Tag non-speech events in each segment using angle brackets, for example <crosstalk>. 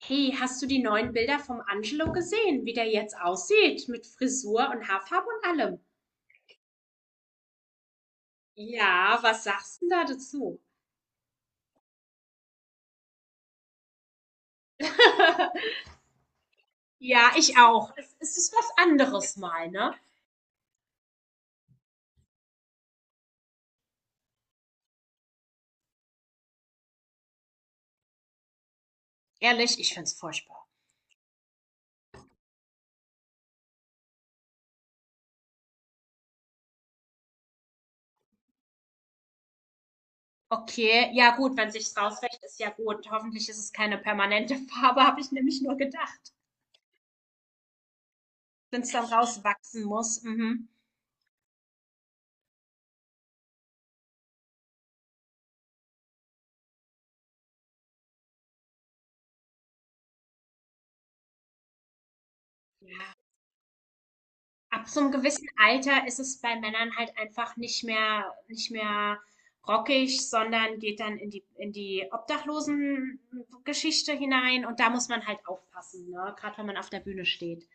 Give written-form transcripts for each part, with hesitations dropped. Hey, hast du die neuen Bilder vom Angelo gesehen, wie der jetzt aussieht, mit Frisur und Haarfarbe und allem? Ja, was sagst du denn da dazu? <laughs> Ja, ich auch. Es ist was anderes mal, ne? Ehrlich, ich find's furchtbar. Okay, ja gut, wenn sich's rauswäscht, ist ja gut. Hoffentlich ist es keine permanente <laughs> Farbe, habe ich nämlich nur gedacht. Wenn's dann rauswachsen muss. Mhm. Ja. Ab so einem gewissen Alter ist es bei Männern halt einfach nicht mehr rockig, sondern geht dann in die Obdachlosengeschichte hinein und da muss man halt aufpassen, ne, gerade wenn man auf der Bühne steht.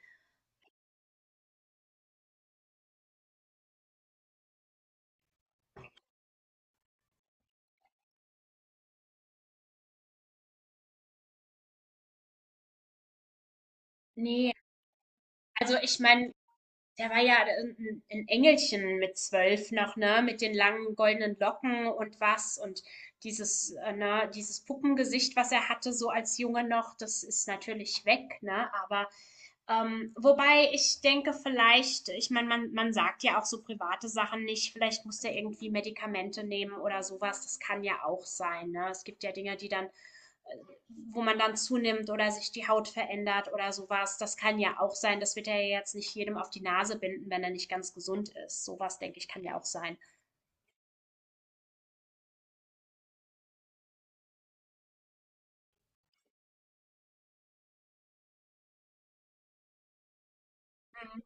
Ne, also ich meine, der war ja ein 'n Engelchen mit 12 noch, ne, mit den langen goldenen Locken und was und dieses ne, dieses Puppengesicht, was er hatte, so als Junge noch, das ist natürlich weg, ne? Aber, wobei ich denke, vielleicht, ich meine, man sagt ja auch so private Sachen nicht, vielleicht muss der irgendwie Medikamente nehmen oder sowas. Das kann ja auch sein, ne? Es gibt ja Dinge, die dann wo man dann zunimmt oder sich die Haut verändert oder sowas. Das kann ja auch sein. Das wird ja jetzt nicht jedem auf die Nase binden, wenn er nicht ganz gesund ist. Sowas, denke ich, kann ja auch sein. Mhm.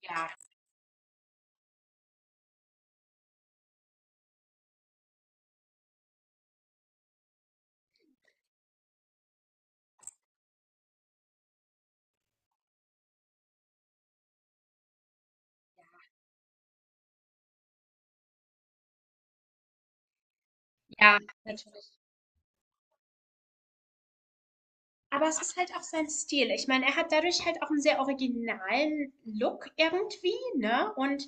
Ja, ja, natürlich. Aber es ist halt auch sein Stil. Ich meine, er hat dadurch halt auch einen sehr originalen Look irgendwie, ne? Und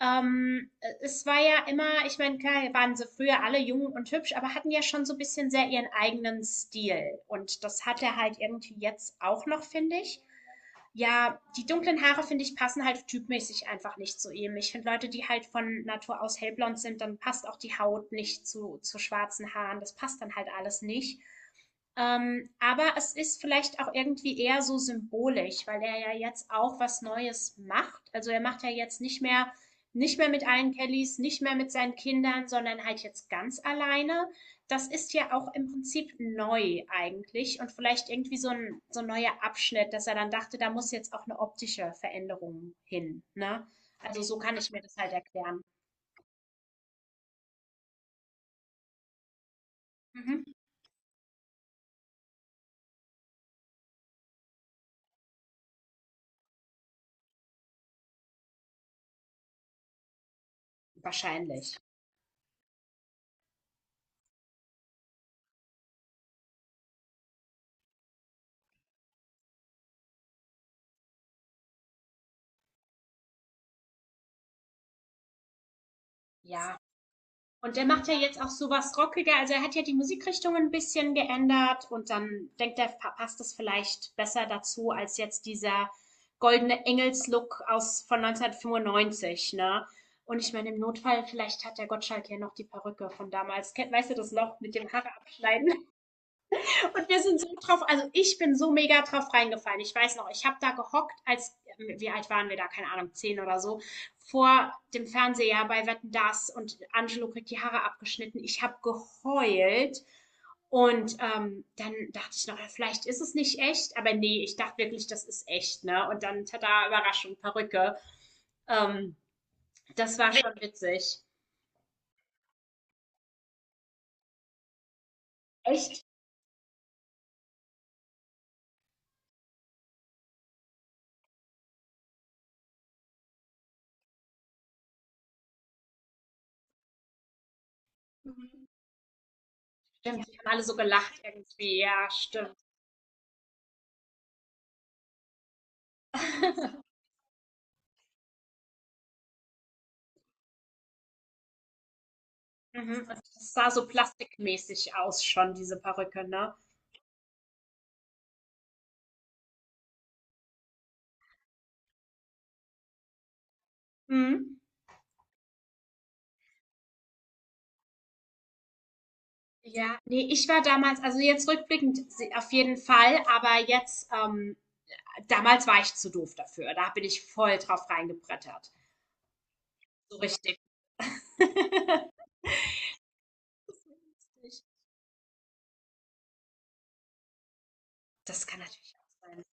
ähm, es war ja immer, ich meine, klar waren sie früher alle jung und hübsch, aber hatten ja schon so ein bisschen sehr ihren eigenen Stil. Und das hat er halt irgendwie jetzt auch noch, finde ich. Ja, die dunklen Haare, finde ich, passen halt typmäßig einfach nicht zu ihm. Ich finde Leute, die halt von Natur aus hellblond sind, dann passt auch die Haut nicht zu, zu schwarzen Haaren. Das passt dann halt alles nicht. Aber es ist vielleicht auch irgendwie eher so symbolisch, weil er ja jetzt auch was Neues macht. Also er macht ja jetzt nicht mehr mit allen Kellys, nicht mehr mit seinen Kindern, sondern halt jetzt ganz alleine. Das ist ja auch im Prinzip neu eigentlich und vielleicht irgendwie so ein neuer Abschnitt, dass er dann dachte, da muss jetzt auch eine optische Veränderung hin, ne? Also so kann ich mir das halt erklären. Mhm. Wahrscheinlich. Ja. Und der macht ja jetzt auch sowas rockiger. Also er hat ja die Musikrichtung ein bisschen geändert und dann denkt er, passt es vielleicht besser dazu als jetzt dieser goldene Engelslook aus von 1995, ne? Und ich meine, im Notfall, vielleicht hat der Gottschalk ja noch die Perücke von damals. Weißt du das noch mit dem Haare abschneiden? Und wir sind so drauf, also ich bin so mega drauf reingefallen. Ich weiß noch, ich habe da gehockt, als, wie alt waren wir da, keine Ahnung, zehn oder so, vor dem Fernseher bei Wetten das und Angelo kriegt die Haare abgeschnitten. Ich habe geheult. Und dann dachte ich noch, ja, vielleicht ist es nicht echt, aber nee, ich dachte wirklich, das ist echt, ne? Und dann, tada, Überraschung, Perücke. Ähm, Das war schon witzig. Echt? Stimmt, die haben alle so gelacht irgendwie. Ja, stimmt. <laughs> Mhm, und das sah so plastikmäßig aus schon, diese Perücke, ne? Mhm. Ja, nee, ich war damals, also jetzt rückblickend se auf jeden Fall, aber jetzt damals war ich zu doof dafür. Da bin ich voll drauf reingebrettert. So richtig. <laughs> Das kann natürlich auch sein.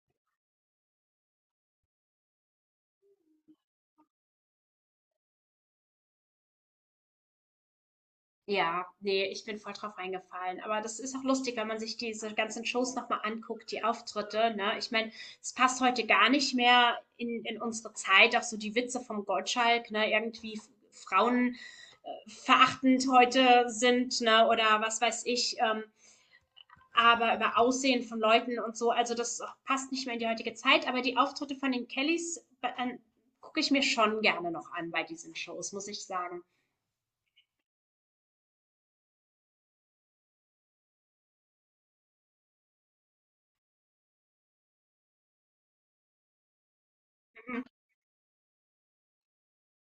Ja, nee, ich bin voll drauf reingefallen. Aber das ist auch lustig, wenn man sich diese ganzen Shows nochmal anguckt, die Auftritte, ne? Ich meine, es passt heute gar nicht mehr in unsere Zeit, auch so die Witze vom Gottschalk, ne? Irgendwie Frauen verachtend heute sind, ne? Oder was weiß ich, aber über Aussehen von Leuten und so. Also das passt nicht mehr in die heutige Zeit. Aber die Auftritte von den Kellys gucke ich mir schon gerne noch an bei diesen Shows, muss ich sagen.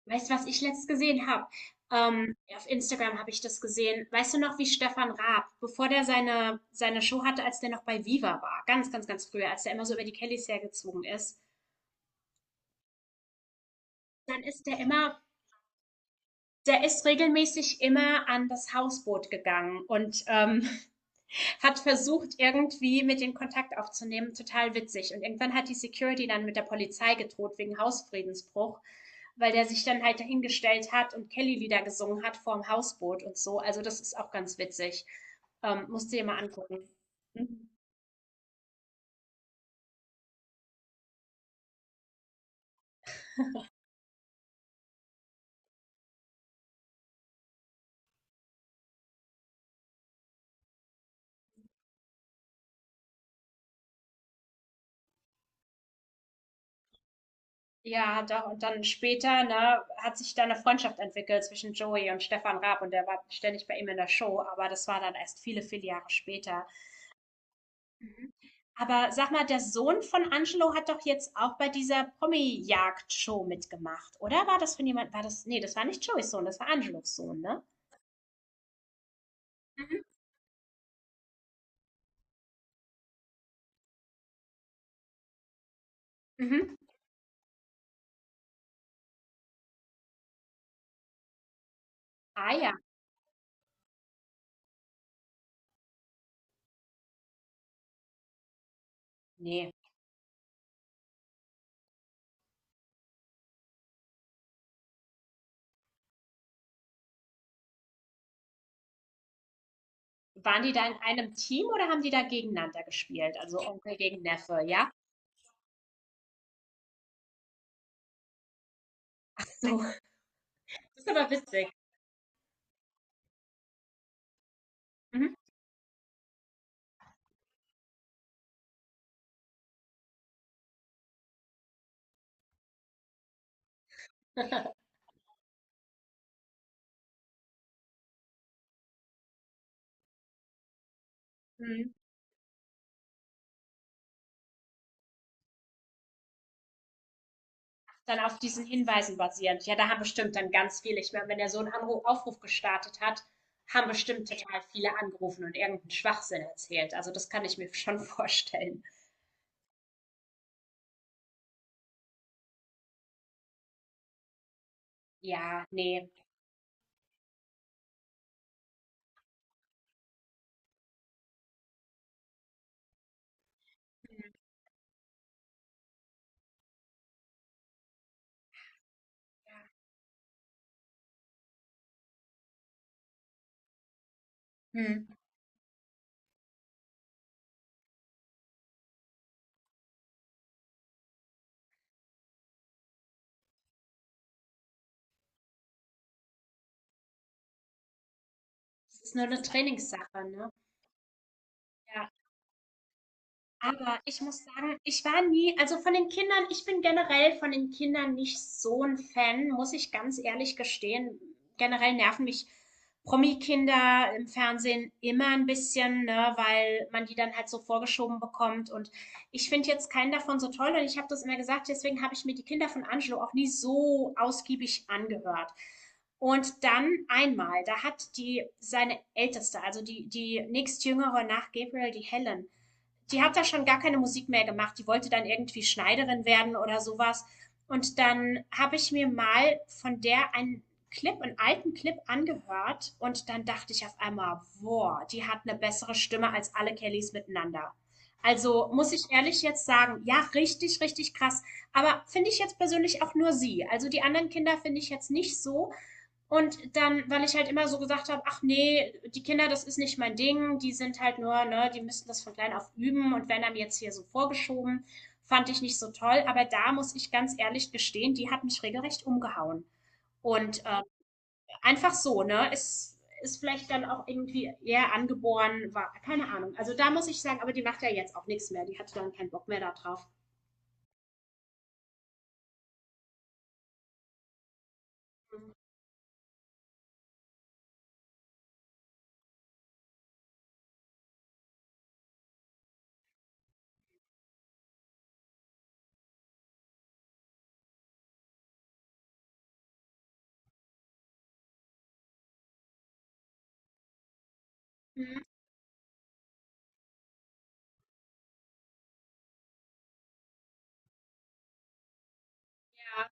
Weißt du, was ich letztes gesehen habe? Ja, auf Instagram habe ich das gesehen. Weißt du noch, wie Stefan Raab, bevor der seine Show hatte, als der noch bei Viva war, ganz früher, als der immer so über die Kellys hergezogen ist, dann ist der immer, der ist regelmäßig immer an das Hausboot gegangen und hat versucht, irgendwie mit den Kontakt aufzunehmen. Total witzig. Und irgendwann hat die Security dann mit der Polizei gedroht wegen Hausfriedensbruch, weil der sich dann halt dahingestellt hat und Kelly-Lieder gesungen hat vorm Hausboot und so. Also das ist auch ganz witzig. Musst du dir mal angucken. Mhm. Ja, doch. Und dann später, ne, hat sich da eine Freundschaft entwickelt zwischen Joey und Stefan Raab und der war ständig bei ihm in der Show, aber das war dann erst viele, viele Jahre später. Mhm. Aber sag mal, der Sohn von Angelo hat doch jetzt auch bei dieser Promi-Jagd-Show mitgemacht, oder? War das von jemand, war das, nee, das war nicht Joeys Sohn, das war Angelos Sohn, ne? Mhm. Mhm. Ah ja, nee. Waren die da in einem Team oder haben die da gegeneinander gespielt? Also Onkel gegen Neffe, ja? Ach so, das ist aber witzig. Mhm. <laughs> Mhm. Dann auf diesen Hinweisen basierend. Ja, da haben bestimmt dann ganz viele. Ich meine, wenn er so einen Anruf, Aufruf gestartet hat, haben bestimmt total viele angerufen und irgendeinen Schwachsinn erzählt. Also das kann ich mir <laughs> schon vorstellen. Ja, nee. Hm. Hm. Das ist nur eine Trainingssache, ne? Ja. Aber ich muss sagen, ich war nie, also von den Kindern, ich bin generell von den Kindern nicht so ein Fan, muss ich ganz ehrlich gestehen. Generell nerven mich Promi-Kinder im Fernsehen immer ein bisschen, ne, weil man die dann halt so vorgeschoben bekommt. Und ich finde jetzt keinen davon so toll. Und ich habe das immer gesagt, deswegen habe ich mir die Kinder von Angelo auch nie so ausgiebig angehört. Und dann einmal, da hat die seine Älteste, also die nächstjüngere nach Gabriel, die Helen, die hat da schon gar keine Musik mehr gemacht. Die wollte dann irgendwie Schneiderin werden oder sowas. Und dann habe ich mir mal von der einen alten Clip angehört und dann dachte ich auf einmal, boah, die hat eine bessere Stimme als alle Kellys miteinander. Also muss ich ehrlich jetzt sagen, ja, richtig krass. Aber finde ich jetzt persönlich auch nur sie. Also die anderen Kinder finde ich jetzt nicht so. Und dann, weil ich halt immer so gesagt habe, ach nee, die Kinder, das ist nicht mein Ding, die sind halt nur, ne, die müssen das von klein auf üben und werden dann jetzt hier so vorgeschoben, fand ich nicht so toll. Aber da muss ich ganz ehrlich gestehen, die hat mich regelrecht umgehauen. Und einfach so, ne, ist vielleicht dann auch irgendwie eher angeboren, war, keine Ahnung. Also da muss ich sagen, aber die macht ja jetzt auch nichts mehr, die hatte dann keinen Bock mehr da drauf. Mhm. Ja.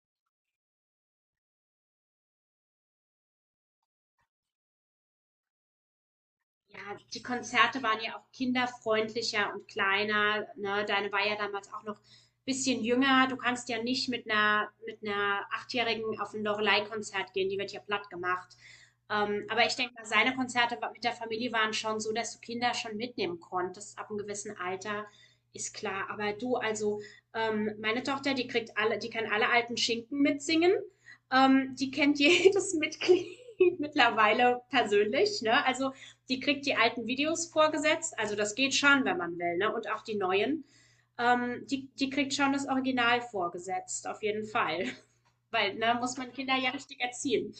Ja, die Konzerte waren ja auch kinderfreundlicher und kleiner, ne? Deine war ja damals auch noch ein bisschen jünger. Du kannst ja nicht mit einer Achtjährigen auf ein Loreley-Konzert gehen, die wird ja plattgemacht. Aber ich denke mal, seine Konzerte wa mit der Familie waren schon so, dass du Kinder schon mitnehmen konntest ab einem gewissen Alter, ist klar. Aber du, also, meine Tochter, die kann alle alten Schinken mitsingen. Die kennt jedes <laughs> Mitglied mittlerweile persönlich, ne? Also, die kriegt die alten Videos vorgesetzt. Also das geht schon, wenn man will, ne? Und auch die neuen. Die kriegt schon das Original vorgesetzt, auf jeden Fall. <laughs> Weil, ne, muss man Kinder ja richtig erziehen.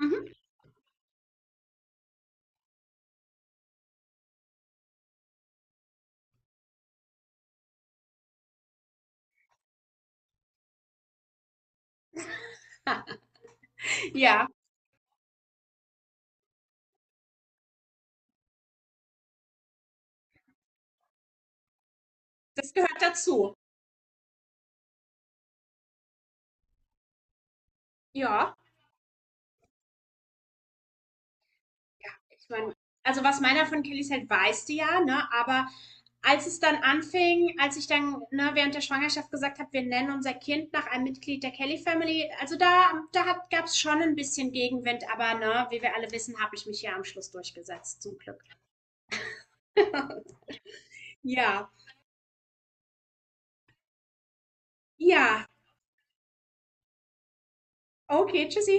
Mhm. Ja, das gehört dazu. Ja. Ja, ich meine, also, was meiner von Kellys hält, weißt du ja, ne? Aber als es dann anfing, als ich dann, ne, während der Schwangerschaft gesagt habe, wir nennen unser Kind nach einem Mitglied der Kelly Family, also gab's schon ein bisschen Gegenwind, aber ne, wie wir alle wissen, habe ich mich hier am Schluss durchgesetzt, zum Glück. Ja, ja, okay, tschüssi.